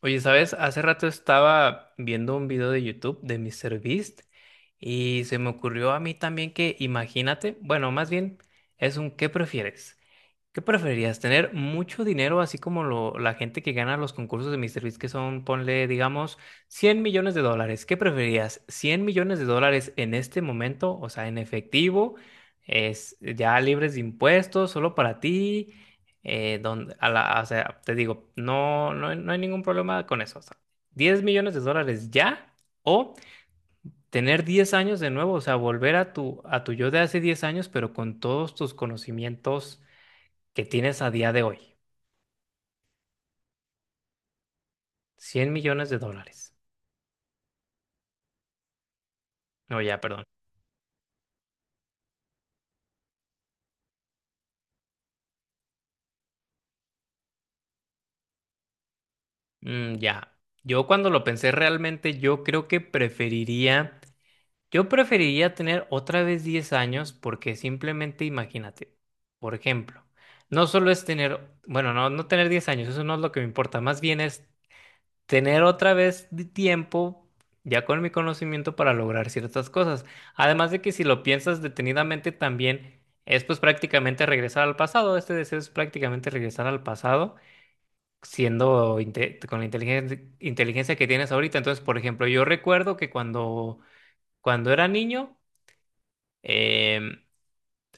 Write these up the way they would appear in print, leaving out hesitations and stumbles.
Oye, ¿sabes? Hace rato estaba viendo un video de YouTube de míster Beast y se me ocurrió a mí también que, imagínate, bueno, más bien es un ¿qué prefieres? ¿Qué preferirías? ¿Tener mucho dinero, así como la gente que gana los concursos de MrBeast, que son, ponle, digamos, $100 millones? ¿Qué preferirías? ¿$100 millones en este momento, o sea, en efectivo, es ya libres de impuestos, solo para ti? ¿Donde, o sea, te digo, no, no, no hay ningún problema con eso? O sea, 10 millones de dólares ya, o tener 10 años de nuevo, o sea, volver a tu yo de hace 10 años, pero con todos tus conocimientos que tienes a día de hoy. $100 millones. No, ya, perdón. Mm, ya. Yo cuando lo pensé realmente, yo creo que preferiría, yo preferiría tener otra vez 10 años porque simplemente imagínate, por ejemplo, no solo es tener, bueno, no, no tener 10 años, eso no es lo que me importa, más bien es tener otra vez de tiempo, ya con mi conocimiento, para lograr ciertas cosas. Además de que si lo piensas detenidamente también es pues prácticamente regresar al pasado, este deseo es prácticamente regresar al pasado, siendo con la inteligencia, que tienes ahorita. Entonces, por ejemplo, yo recuerdo que cuando era niño, em,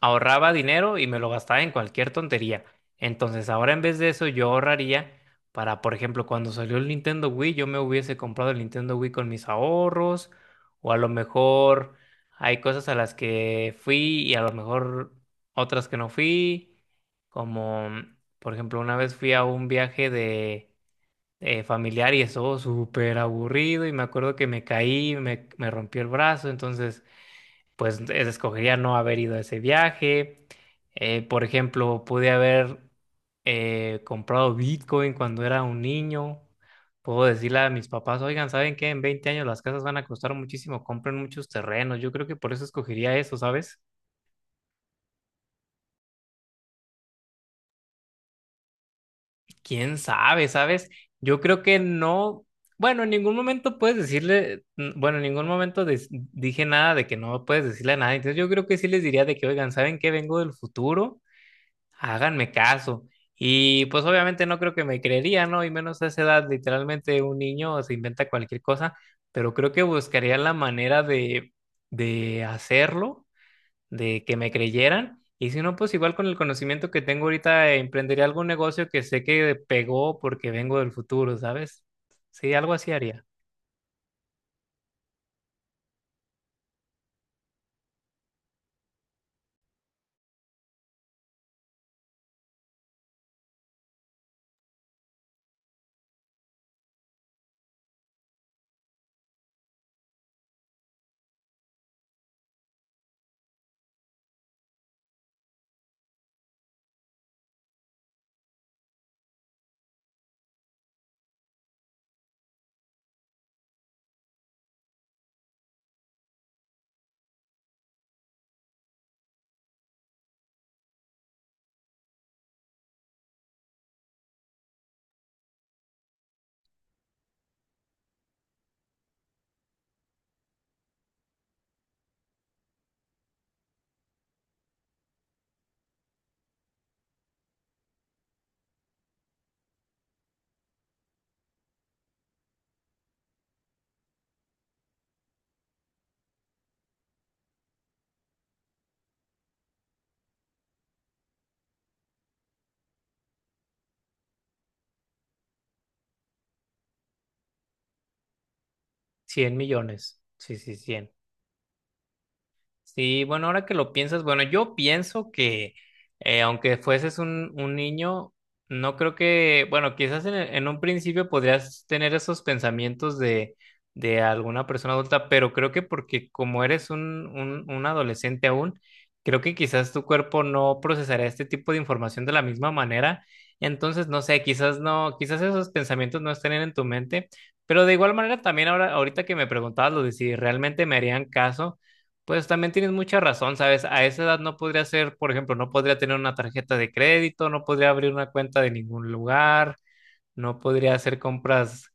ahorraba dinero y me lo gastaba en cualquier tontería. Entonces, ahora en vez de eso, yo ahorraría para, por ejemplo, cuando salió el Nintendo Wii, yo me hubiese comprado el Nintendo Wii con mis ahorros, o a lo mejor hay cosas a las que fui y a lo mejor otras que no fui, como, mm, por ejemplo, una vez fui a un viaje de familiar y estuvo súper aburrido y me acuerdo que me caí, me rompí el brazo, entonces pues escogería no haber ido a ese viaje. Por ejemplo, pude haber comprado Bitcoin cuando era un niño. Puedo decirle a mis papás, oigan, ¿saben qué? En 20 años las casas van a costar muchísimo, compren muchos terrenos. Yo creo que por eso escogería eso, ¿sabes? ¿Quién sabe, sabes? Yo creo que no, bueno, en ningún momento puedes decirle, bueno, en ningún momento dije nada de que no puedes decirle a nadie. Entonces yo creo que sí les diría de que, oigan, ¿saben qué? Vengo del futuro. Háganme caso. Y pues obviamente no creo que me creería, ¿no? Y menos a esa edad, literalmente un niño se inventa cualquier cosa, pero creo que buscaría la manera de hacerlo, de que me creyeran. Y si no, pues igual con el conocimiento que tengo ahorita, emprendería algún negocio que sé que pegó porque vengo del futuro, ¿sabes? Sí, algo así haría. 100 millones. Sí, sí, 100. Sí, bueno, ahora que lo piensas, bueno, yo pienso que aunque fueses un niño, no creo que, bueno, quizás en un principio podrías tener esos pensamientos de alguna persona adulta, pero creo que porque como eres un adolescente aún, creo que quizás tu cuerpo no procesará este tipo de información de la misma manera. Entonces, no sé, quizás no, quizás esos pensamientos no estén en tu mente, pero de igual manera también ahora, ahorita que me preguntabas lo de si realmente me harían caso. Pues también tienes mucha razón, ¿sabes? A esa edad no podría ser, por ejemplo, no podría tener una tarjeta de crédito, no podría abrir una cuenta de ningún lugar, no podría hacer compras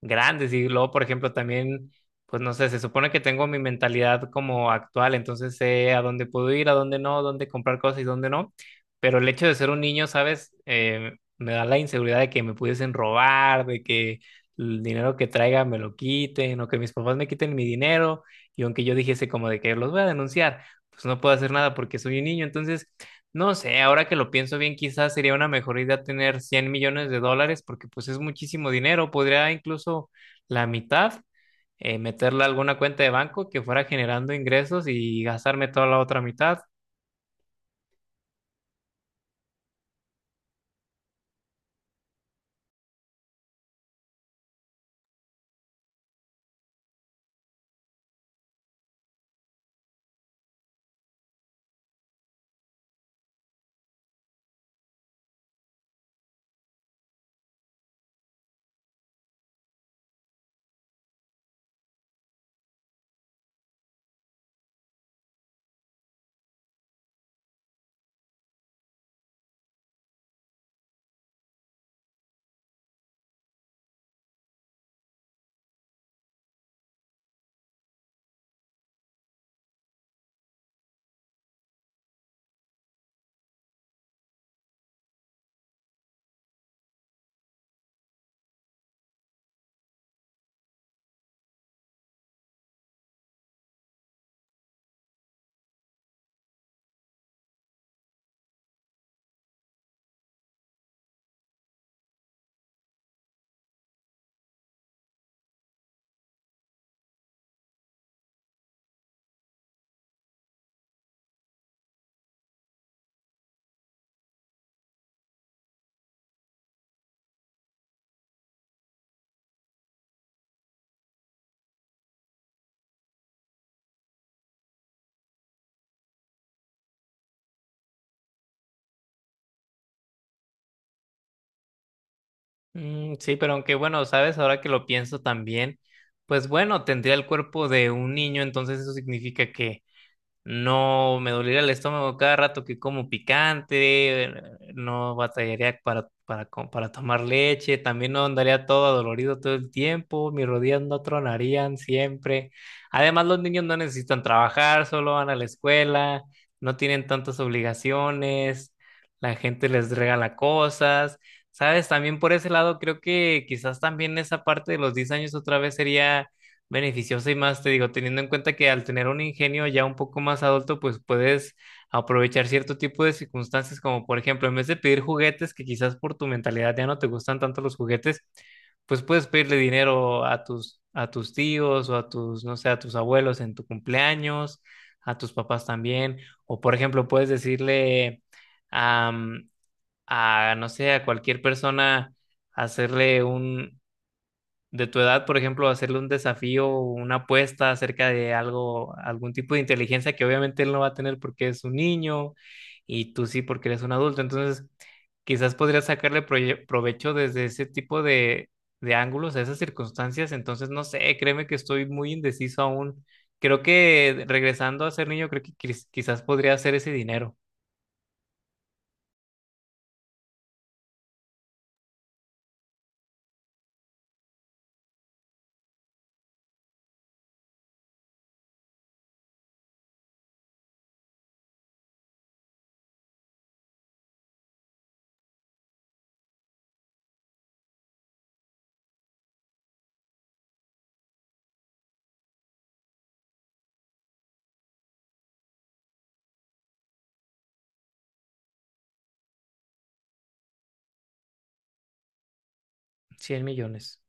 grandes. Y luego, por ejemplo, también, pues no sé, se supone que tengo mi mentalidad como actual, entonces sé a dónde puedo ir, a dónde no, dónde comprar cosas y dónde no. Pero el hecho de ser un niño, ¿sabes? Me da la inseguridad de que me pudiesen robar, de que el dinero que traiga me lo quiten, o que mis papás me quiten mi dinero. Y aunque yo dijese como de que los voy a denunciar, pues no puedo hacer nada porque soy un niño. Entonces, no sé, ahora que lo pienso bien, quizás sería una mejor idea tener $100 millones porque pues es muchísimo dinero. Podría incluso la mitad meterla a alguna cuenta de banco que fuera generando ingresos y gastarme toda la otra mitad. Mm, sí, pero aunque bueno, sabes, ahora que lo pienso también, pues bueno, tendría el cuerpo de un niño, entonces eso significa que no me dolería el estómago cada rato que como picante, no batallaría para tomar leche, también no andaría todo adolorido todo el tiempo, mis rodillas no tronarían siempre. Además, los niños no necesitan trabajar, solo van a la escuela, no tienen tantas obligaciones, la gente les regala cosas, ¿sabes? También por ese lado creo que quizás también esa parte de los 10 años otra vez sería beneficiosa y más, te digo, teniendo en cuenta que al tener un ingenio ya un poco más adulto, pues puedes aprovechar cierto tipo de circunstancias, como por ejemplo, en vez de pedir juguetes, que quizás por tu mentalidad ya no te gustan tanto los juguetes, pues puedes pedirle dinero a tus tíos o a tus, no sé, a tus abuelos en tu cumpleaños, a tus papás también, o por ejemplo, puedes decirle am, a, no sé, a cualquier persona, hacerle un, de tu edad, por ejemplo, hacerle un desafío, o una apuesta acerca de algo, algún tipo de inteligencia que obviamente él no va a tener porque es un niño y tú sí porque eres un adulto. Entonces, quizás podrías sacarle provecho desde ese tipo de ángulos a esas circunstancias. Entonces, no sé, créeme que estoy muy indeciso aún. Creo que regresando a ser niño, creo que quizás podría hacer ese dinero, 100 millones.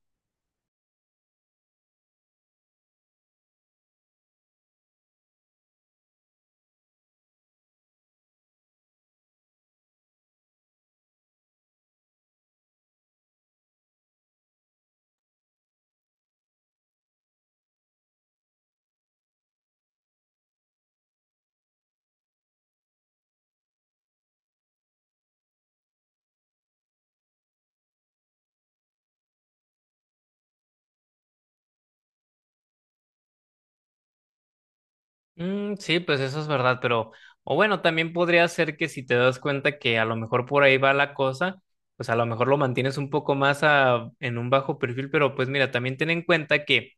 Mm, sí, pues eso es verdad, pero, o bueno, también podría ser que si te das cuenta que a lo mejor por ahí va la cosa, pues a lo mejor lo mantienes un poco más en un bajo perfil, pero pues mira, también ten en cuenta que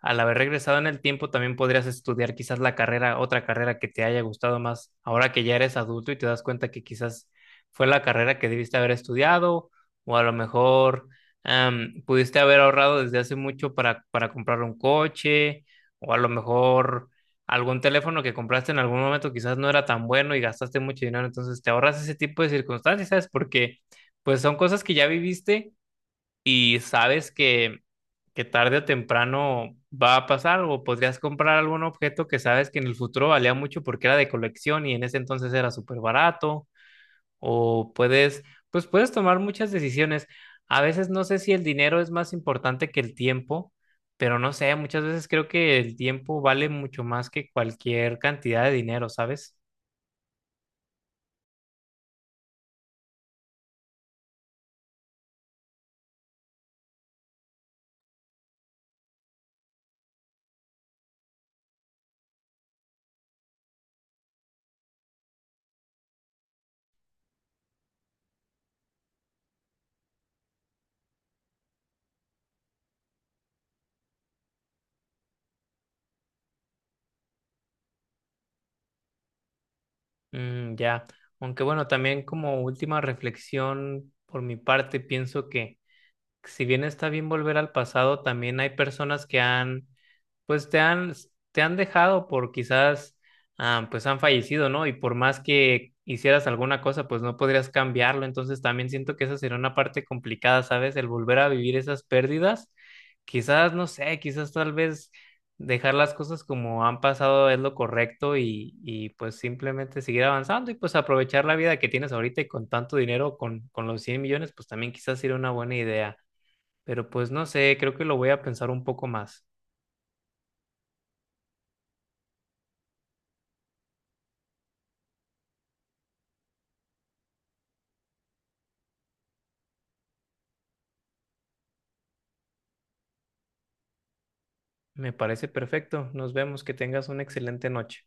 al haber regresado en el tiempo también podrías estudiar quizás la carrera, otra carrera que te haya gustado más, ahora que ya eres adulto y te das cuenta que quizás fue la carrera que debiste haber estudiado, o a lo mejor pudiste haber ahorrado desde hace mucho para comprar un coche, o a lo mejor algún teléfono que compraste en algún momento quizás no era tan bueno y gastaste mucho dinero, entonces te ahorras ese tipo de circunstancias, ¿sabes? Porque pues son cosas que ya viviste y sabes que tarde o temprano va a pasar o podrías comprar algún objeto que sabes que en el futuro valía mucho porque era de colección y en ese entonces era súper barato o puedes, pues puedes tomar muchas decisiones. A veces no sé si el dinero es más importante que el tiempo, pero no sé, muchas veces creo que el tiempo vale mucho más que cualquier cantidad de dinero, ¿sabes? Mm, ya. Aunque bueno, también como última reflexión por mi parte, pienso que si bien está bien volver al pasado, también hay personas que han pues te han dejado por quizás, pues han fallecido, ¿no? Y por más que hicieras alguna cosa, pues no podrías cambiarlo. Entonces también siento que esa sería una parte complicada, ¿sabes? El volver a vivir esas pérdidas. Quizás, no sé, quizás tal vez dejar las cosas como han pasado es lo correcto y pues simplemente seguir avanzando y pues aprovechar la vida que tienes ahorita y con tanto dinero, con los 100 millones, pues también quizás sería una buena idea. Pero pues no sé, creo que lo voy a pensar un poco más. Me parece perfecto. Nos vemos. Que tengas una excelente noche.